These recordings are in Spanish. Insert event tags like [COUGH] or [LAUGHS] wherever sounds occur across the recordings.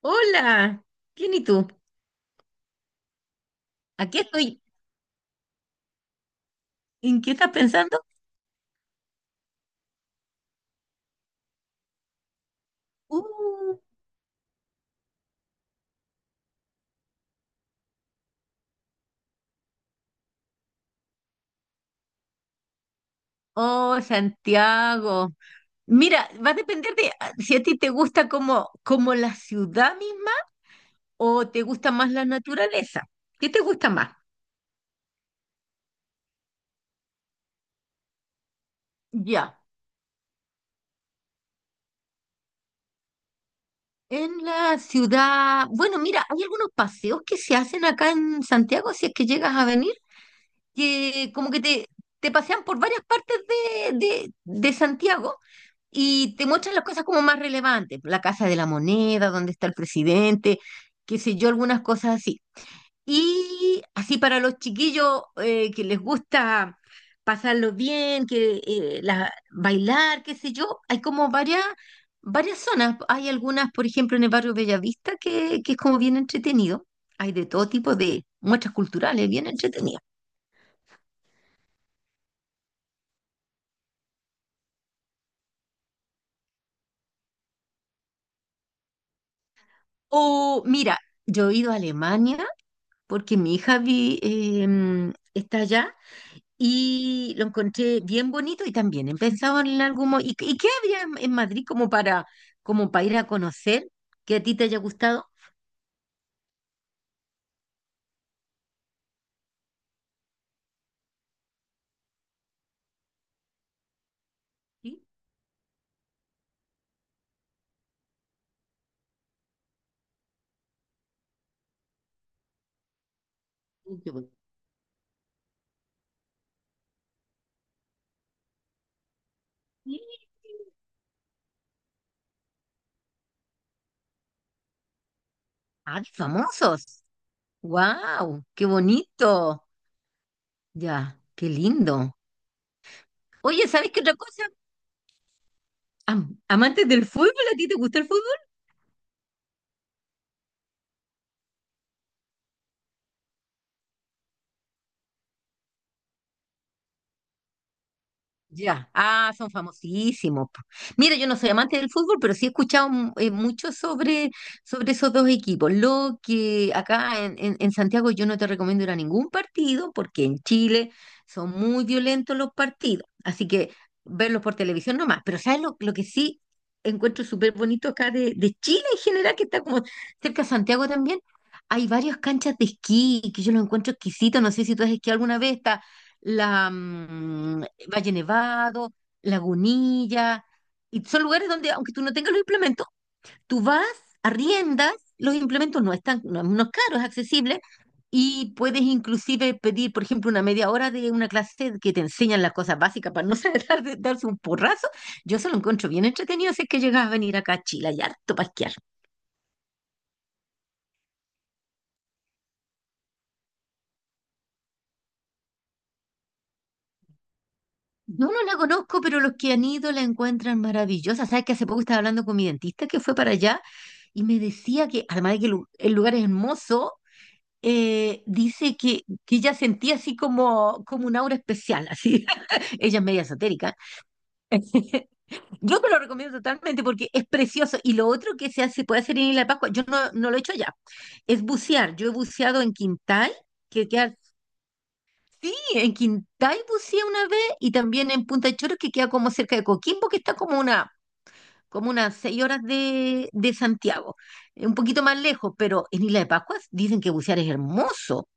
Hola, ¿quién y tú? Aquí estoy. ¿En qué estás pensando? Uh, oh, Santiago. Mira, va a depender de si a ti te gusta como la ciudad misma o te gusta más la naturaleza. ¿Qué te gusta más? Ya. En la ciudad, bueno, mira, hay algunos paseos que se hacen acá en Santiago si es que llegas a venir, que como que te pasean por varias partes de Santiago y te muestran las cosas como más relevantes, la Casa de la Moneda, donde está el presidente, qué sé yo, algunas cosas así. Y así para los chiquillos que les gusta pasarlo bien, que bailar, qué sé yo, hay como varias zonas. Hay algunas, por ejemplo, en el barrio Bellavista, que es como bien entretenido. Hay de todo tipo de muestras culturales, bien entretenido. O mira, yo he ido a Alemania porque mi hija está allá y lo encontré bien bonito y también he pensado en algún mo- ¿Y, qué había en Madrid como para, como para ir a conocer que a ti te haya gustado? Sí, sí, qué bonito. Sí. ¡Ah, qué famosos! ¡Wow! ¡Qué bonito! Ya, qué lindo. Oye, ¿sabes qué otra cosa? Amantes del fútbol, ¿a ti te gusta el fútbol? Ya, ah, son famosísimos, po. Mira, yo no soy amante del fútbol, pero sí he escuchado mucho sobre esos dos equipos. Lo que acá en Santiago yo no te recomiendo ir a ningún partido, porque en Chile son muy violentos los partidos, así que verlos por televisión nomás. Pero ¿sabes lo que sí encuentro súper bonito acá de Chile en general, que está como cerca de Santiago también? Hay varias canchas de esquí que yo los encuentro exquisitos. No sé si tú has esquiado alguna vez la Valle Nevado, Lagunilla, y son lugares donde, aunque tú no tengas los implementos, tú vas, arriendas, los implementos no están, no, no es caro, es accesible, y puedes inclusive pedir, por ejemplo, una media hora de una clase que te enseñan las cosas básicas para no [LAUGHS] saber darse un porrazo. Yo se lo encuentro bien entretenido si es que llegas a venir acá a Chile, y harto para esquiar. No, no la conozco, pero los que han ido la encuentran maravillosa. Sabes que hace poco estaba hablando con mi dentista que fue para allá y me decía que, además de que el lugar es hermoso, dice que ella sentía así como un aura especial, así. [LAUGHS] Ella es media esotérica. [LAUGHS] Yo te lo recomiendo totalmente porque es precioso. Y lo otro que se hace, puede hacer en Isla de Pascua, yo no lo he hecho allá, es bucear. Yo he buceado en Quintal, que queda sí, en Quintay buceé una vez y también en Punta Choros, que queda como cerca de Coquimbo, que está como una, como unas seis horas de Santiago, un poquito más lejos, pero en Isla de Pascuas dicen que bucear es hermoso.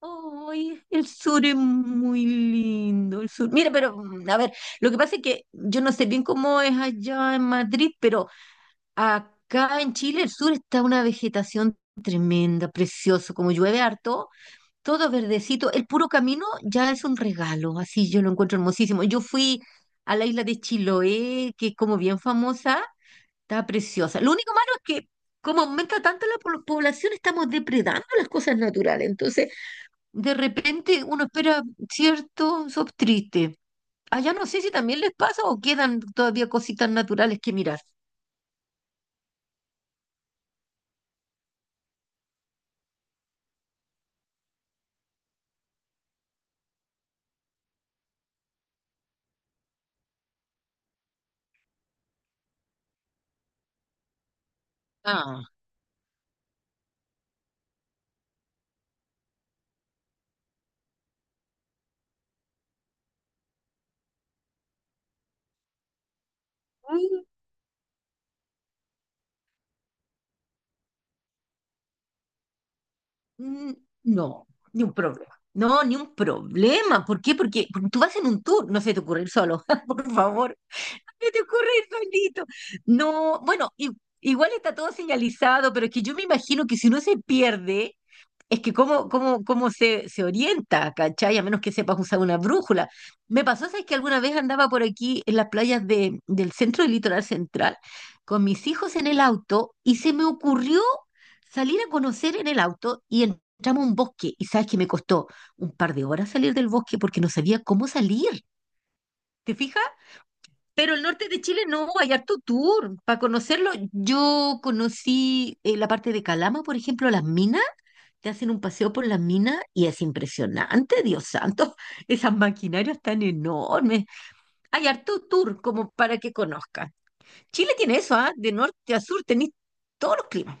Ay, el sur es muy lindo, el sur. Mira, pero a ver, lo que pasa es que yo no sé bien cómo es allá en Madrid, pero acá en Chile el sur está una vegetación tremenda, precioso, como llueve harto. Todo verdecito, el puro camino ya es un regalo, así yo lo encuentro hermosísimo. Yo fui a la isla de Chiloé, que es como bien famosa, está preciosa. Lo único malo es que como aumenta tanto la población, estamos depredando las cosas naturales. Entonces, de repente uno espera cierto sob triste. Allá no sé si también les pasa o quedan todavía cositas naturales que mirar. Ah. Mm, No, ni un problema. No, ni un problema. ¿Por qué? Porque tú vas en un tour, no se te ocurre ir solo, [LAUGHS] por favor. ¿Qué te ocurre ir solito? No, bueno, igual está todo señalizado, pero es que yo me imagino que si uno se pierde, es que cómo se orienta, ¿cachai? A menos que sepas usar una brújula. Me pasó, ¿sabes? Que alguna vez andaba por aquí en las playas del centro del litoral central con mis hijos en el auto y se me ocurrió salir a conocer en el auto y entramos a un bosque. Y sabes que me costó un par de horas salir del bosque porque no sabía cómo salir. ¿Te fijas? Pero el norte de Chile no, hay harto tour. Para conocerlo, yo conocí la parte de Calama, por ejemplo, las minas. Te hacen un paseo por las minas y es impresionante, Dios santo. [LAUGHS] Esas maquinarias tan enormes. Hay harto tour como para que conozcas. Chile tiene eso, ¿ah? De norte a sur tenés todos los climas.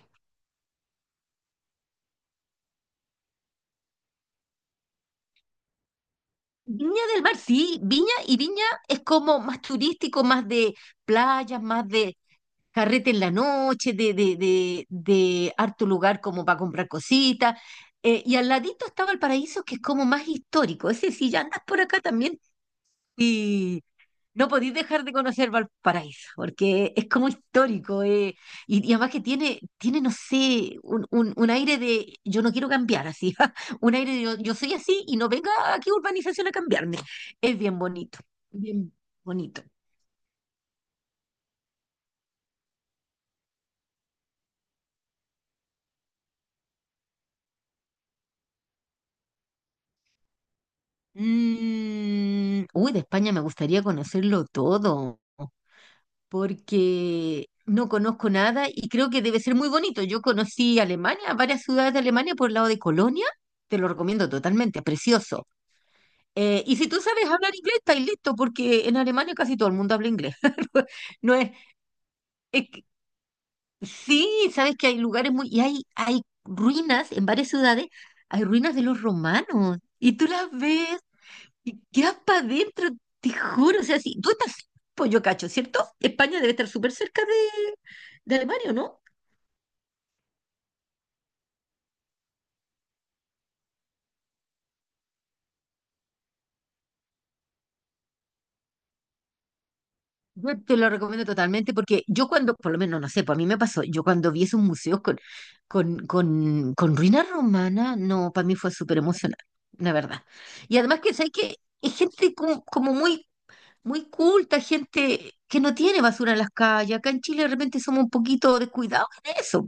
Viña del Mar, sí, Viña y Viña es como más turístico, más de playas, más de carrete en la noche, de harto lugar como para comprar cositas. Y al ladito estaba el paraíso, que es como más histórico. Ese, si ya andas por acá también y no podéis dejar de conocer Valparaíso, porque es como histórico. Y, y además que tiene, tiene no sé, un aire de yo no quiero cambiar así. [LAUGHS] Un aire de yo, yo soy así y no venga aquí urbanización a cambiarme. Es bien bonito, bien bonito. Uy, de España me gustaría conocerlo todo, porque no conozco nada y creo que debe ser muy bonito. Yo conocí Alemania, varias ciudades de Alemania por el lado de Colonia, te lo recomiendo totalmente, precioso. Y si tú sabes hablar inglés, está listo, porque en Alemania casi todo el mundo habla inglés. [LAUGHS] No es, es que- sí, sabes que hay lugares muy, y hay ruinas en varias ciudades, hay ruinas de los romanos, y tú las ves. Y quedas para adentro, te juro. O sea, si tú estás, pues yo cacho, ¿cierto? España debe estar súper cerca de Alemania, ¿o ¿no? Yo te lo recomiendo totalmente porque yo cuando, por lo menos no sé, pues a mí me pasó, yo cuando vi esos museos con ruinas romanas, no, para mí fue súper emocionante, la verdad. Y además que, ¿sabes qué? Es gente como muy culta, gente que no tiene basura en las calles. Acá en Chile de repente somos un poquito descuidados en eso.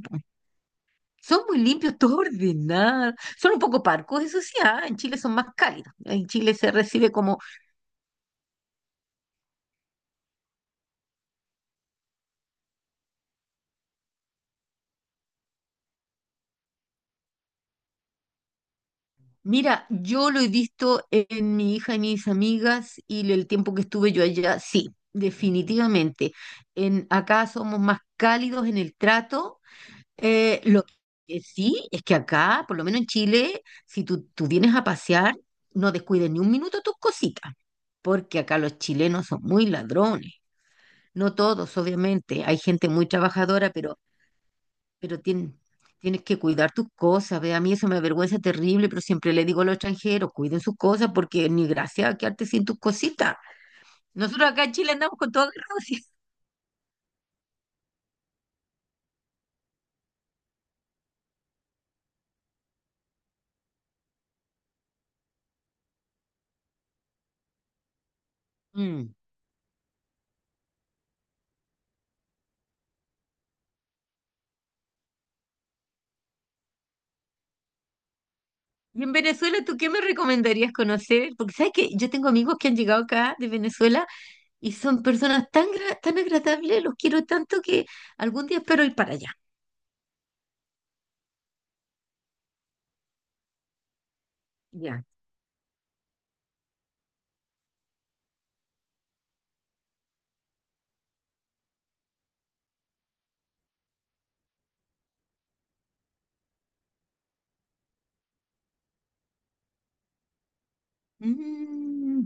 Son muy limpios, [LAUGHS] todo ordenado. Son un poco parcos, eso sí, ah, en Chile son más cálidos. En Chile se recibe como, mira, yo lo he visto en mi hija y mis amigas y el tiempo que estuve yo allá, sí, definitivamente. Acá somos más cálidos en el trato. Lo que sí es que acá, por lo menos en Chile, si tú, tú vienes a pasear, no descuides ni un minuto tus cositas, porque acá los chilenos son muy ladrones. No todos, obviamente. Hay gente muy trabajadora, pero, pero tien- tienes que cuidar tus cosas. Ve, a mí eso me avergüenza terrible, pero siempre le digo a los extranjeros, cuiden sus cosas porque ni gracia quedarte sin tus cositas. Nosotros acá en Chile andamos con todo agarrado, sí. Mm. Y en Venezuela, ¿tú qué me recomendarías conocer? Porque sabes que yo tengo amigos que han llegado acá de Venezuela y son personas tan, tan agradables, los quiero tanto que algún día espero ir para allá. Ya. Mm.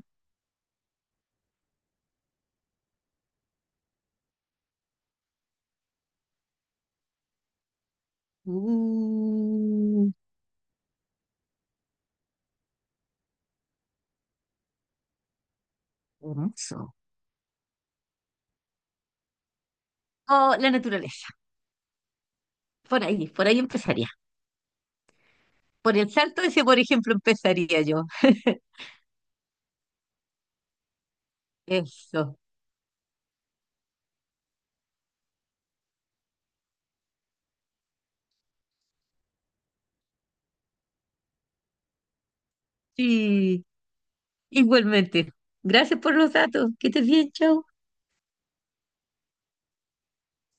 Uh, hermoso. O la naturaleza. Por ahí empezaría. Por el salto ese, por ejemplo, empezaría yo. [LAUGHS] Eso. Sí, igualmente. Gracias por los datos. Que estés bien, chao.